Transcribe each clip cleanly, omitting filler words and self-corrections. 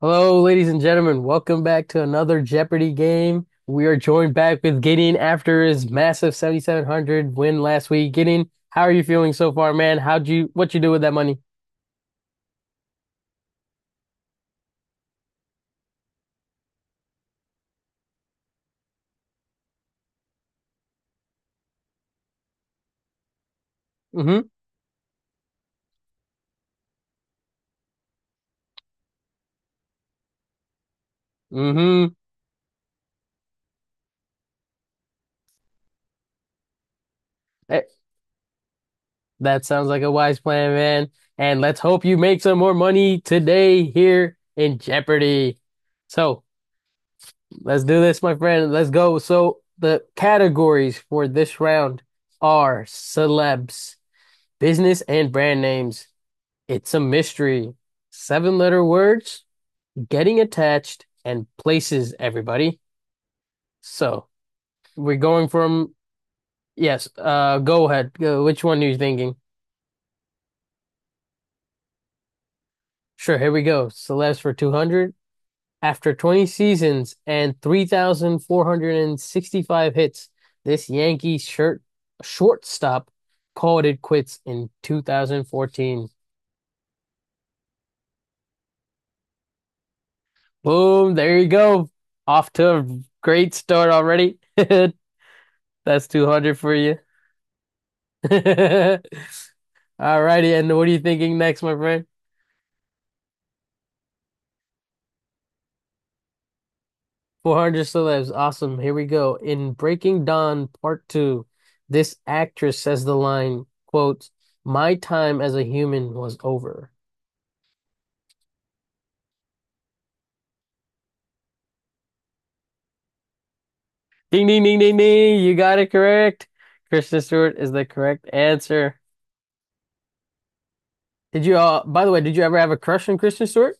Hello, ladies and gentlemen. Welcome back to another Jeopardy game. We are joined back with Gideon after his massive 7,700 win last week. Gideon, how are you feeling so far, man? What you do with that money? Mm-hmm. Mm-hmm. Eh, That sounds like a wise plan, man. And let's hope you make some more money today here in Jeopardy. So let's do this, my friend. Let's go. So the categories for this round are celebs, business, and brand names. It's a mystery. Seven letter words, getting attached, and places, everybody. So, we're going from, yes, go ahead. Which one are you thinking? Sure, here we go. Celeste for 200. After 20 seasons and 3,465 hits, this Yankee shirt shortstop called it quits in 2014. Boom, there you go. Off to a great start already. That's 200 for you. All righty, and what are you thinking next, my friend? 400 celebs. Awesome. Here we go. In Breaking Dawn Part 2, this actress says the line, quote, "My time as a human was over." Ding, ding, ding, ding, ding. You got it correct. Kristen Stewart is the correct answer. Did you By the way, did you ever have a crush on Kristen Stewart?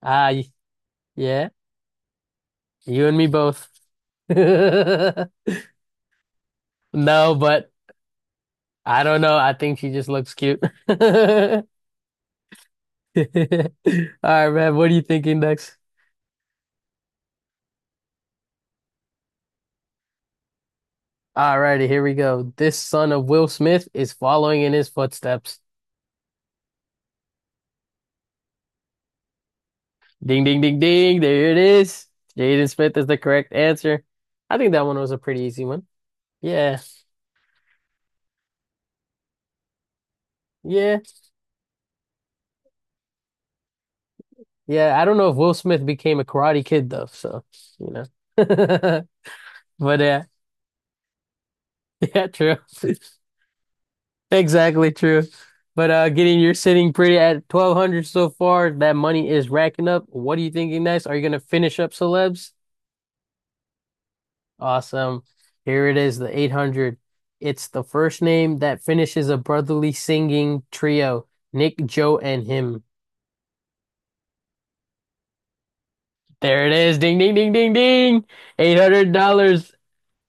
Ah, y- yeah. You and me both. No, but I don't know. I think she just looks cute. All right, man. What are you thinking next? Alrighty, here we go. This son of Will Smith is following in his footsteps. Ding, ding, ding, ding. There it is. Jaden Smith is the correct answer. I think that one was a pretty easy one. Yeah, yeah, yeah. I don't know if Will Smith became a Karate Kid though, you know. But yeah, true. Exactly true. But getting you're sitting pretty at 1200 so far. That money is racking up. What are you thinking next? Are you gonna finish up celebs? Awesome. Here it is, the 800. It's the first name that finishes a brotherly singing trio, Nick, Joe, and him. There it is. Ding, ding, ding, ding, ding. $800.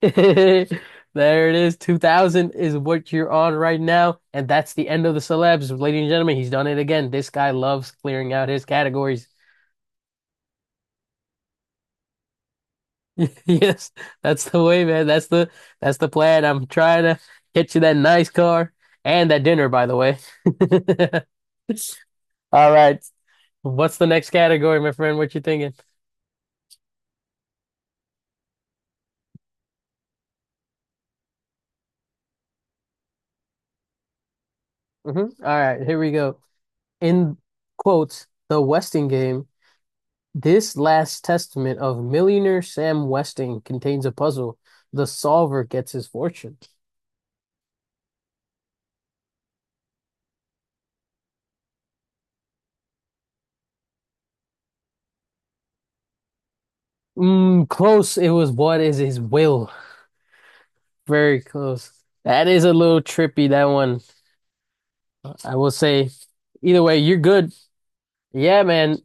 There it is. 2000 is what you're on right now. And that's the end of the celebs. Ladies and gentlemen, he's done it again. This guy loves clearing out his categories. Yes, that's the way, man. That's the plan. I'm trying to get you that nice car and that dinner, by the way. All right. What's the next category, my friend? What you thinking? All right, here we go. In quotes, the Westing game, this last testament of millionaire Sam Westing contains a puzzle. The solver gets his fortune. Mm, close. It was what is his will? Very close. That is a little trippy, that one. I will say, either way, you're good. Yeah, man.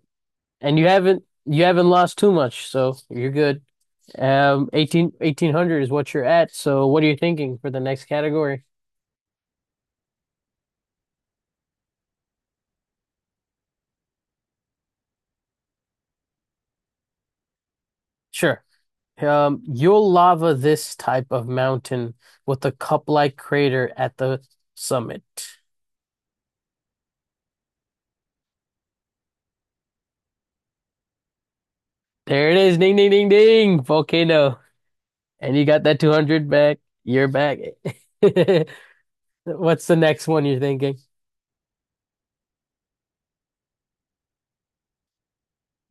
And you haven't lost too much, so you're good. Eighteen hundred is what you're at. So what are you thinking for the next category? Sure. You'll lava this type of mountain with a cup-like crater at the summit. There it is. Ding, ding, ding, ding. Volcano. And you got that 200 back. You're back. What's the next one you're thinking?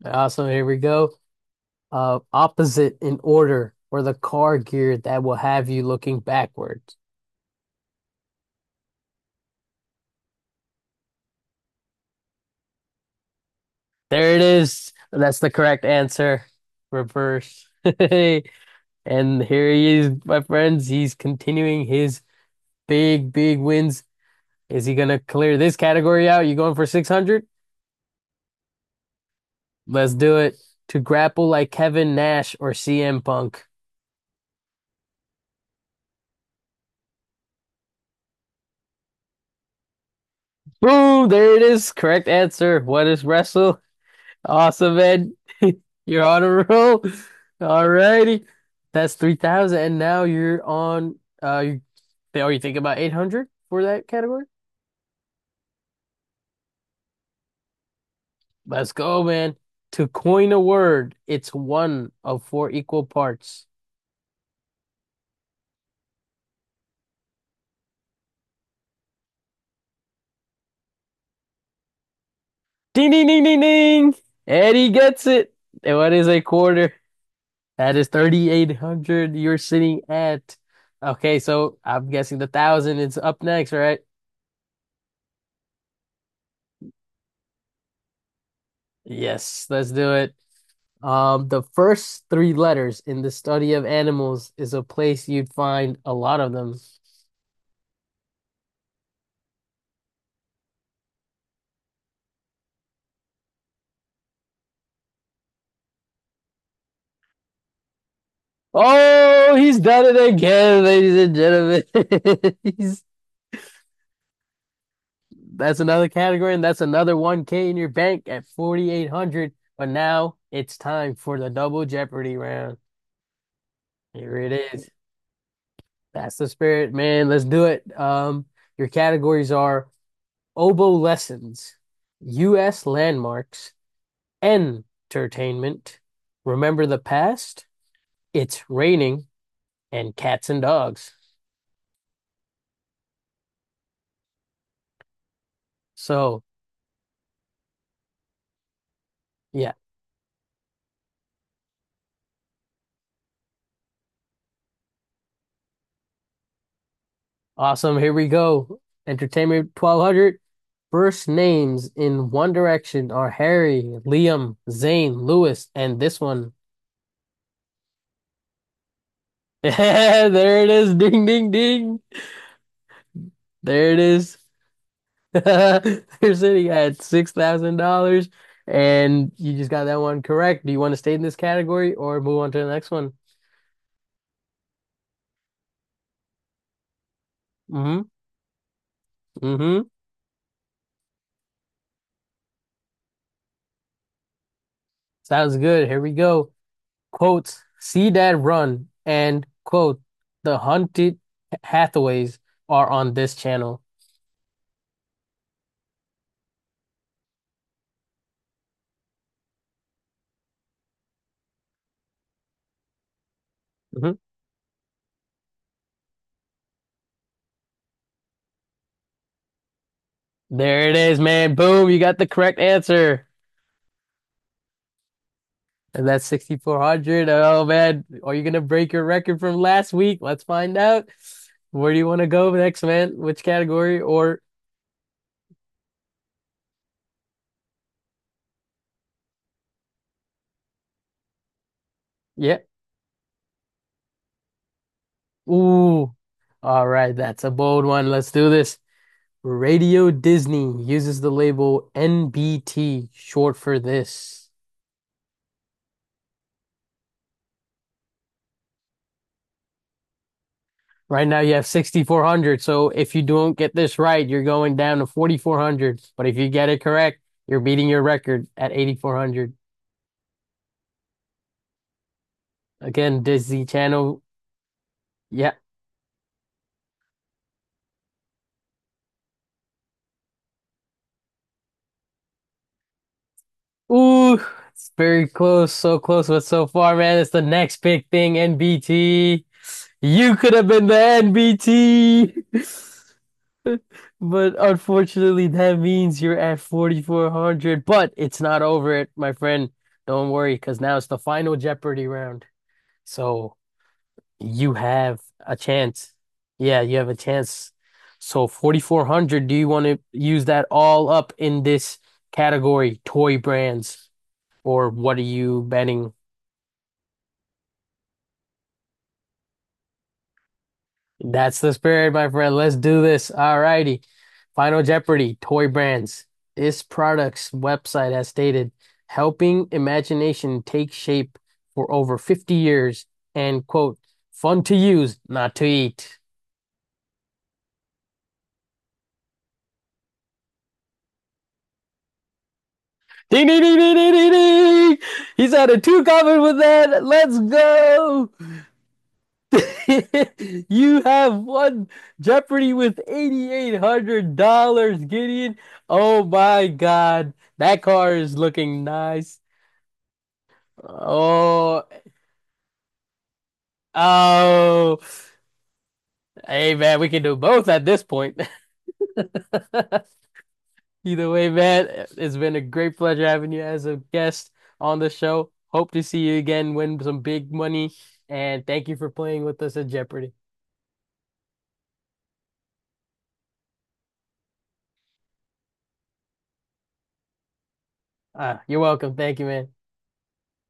Awesome. Here we go. Opposite in order for the car gear that will have you looking backwards. There it is. That's the correct answer. Reverse. And here he is, my friends. He's continuing his big, big wins. Is he gonna clear this category out? You going for 600? Let's do it. To grapple like Kevin Nash or CM Punk. Boom, there it is. Correct answer. What is wrestle? Awesome, man! You're on a roll. Alrighty. That's 3,000. And now uh, you, are you thinking about 800 for that category? Let's go, man. To coin a word, it's one of four equal parts. Ding, ding, ding, ding, ding. Eddie gets it. And what is a quarter? That is 3,800. Okay, so I'm guessing the thousand is up next, right? Yes, let's do it. The first three letters in the study of animals is a place you'd find a lot of them. Oh, he's done it again, ladies and gentlemen. He's, that's another category, and that's another 1K in your bank at 4,800. But now it's time for the double Jeopardy round. Here it is. That's the spirit, man. Let's do it. Your categories are oboe lessons, U.S. landmarks, entertainment. Remember the past? It's raining and cats and dogs. So, yeah, awesome. Here we go. Entertainment 1200. First names in One Direction are Harry, Liam, Zayn, Lewis, and this one. Yeah, there it is. Ding, ding, ding. There it is. You're sitting at $6,000 and you just got that one correct. Do you want to stay in this category or move on to the next one? Mm-hmm. Mm-hmm. Sounds good. Here we go. Quote, see that run, and quote, the hunted Hathaways are on this channel. hmm There it is, man. Boom, you got the correct answer. And that's 6,400. Oh, man. Are you gonna break your record from last week? Let's find out. Where do you want to go next, man? Which category? Or, yeah. Ooh. All right. That's a bold one. Let's do this. Radio Disney uses the label NBT, short for this. Right now you have 6,400. So if you don't get this right, you're going down to 4,400. But if you get it correct, you're beating your record at 8,400. Again, Disney Channel. Yeah. Ooh, it's very close. So close, but so far, man. It's the next big thing, NBT. You could have been the NBT. But unfortunately, that means you're at 4,400. But it's not over it, my friend. Don't worry, because now it's the final Jeopardy round. So you have a chance. Yeah, you have a chance. So 4,400, do you want to use that all up in this category, toy brands? Or what are you betting? That's the spirit, my friend. Let's do this. All righty. Final Jeopardy, toy brands. This product's website has stated helping imagination take shape for over 50 years and, quote, fun to use, not to eat. Ding, ding, ding, ding, ding, ding, ding. He's had a two comment with that. Let's go. You have won Jeopardy with $8,800, Gideon. Oh my God. That car is looking nice. Oh, oh. Hey, man, we can do both at this point. Either way, man, it's been a great pleasure having you as a guest on the show. Hope to see you again, win some big money, and thank you for playing with us at Jeopardy. Ah, you're welcome. Thank you, man.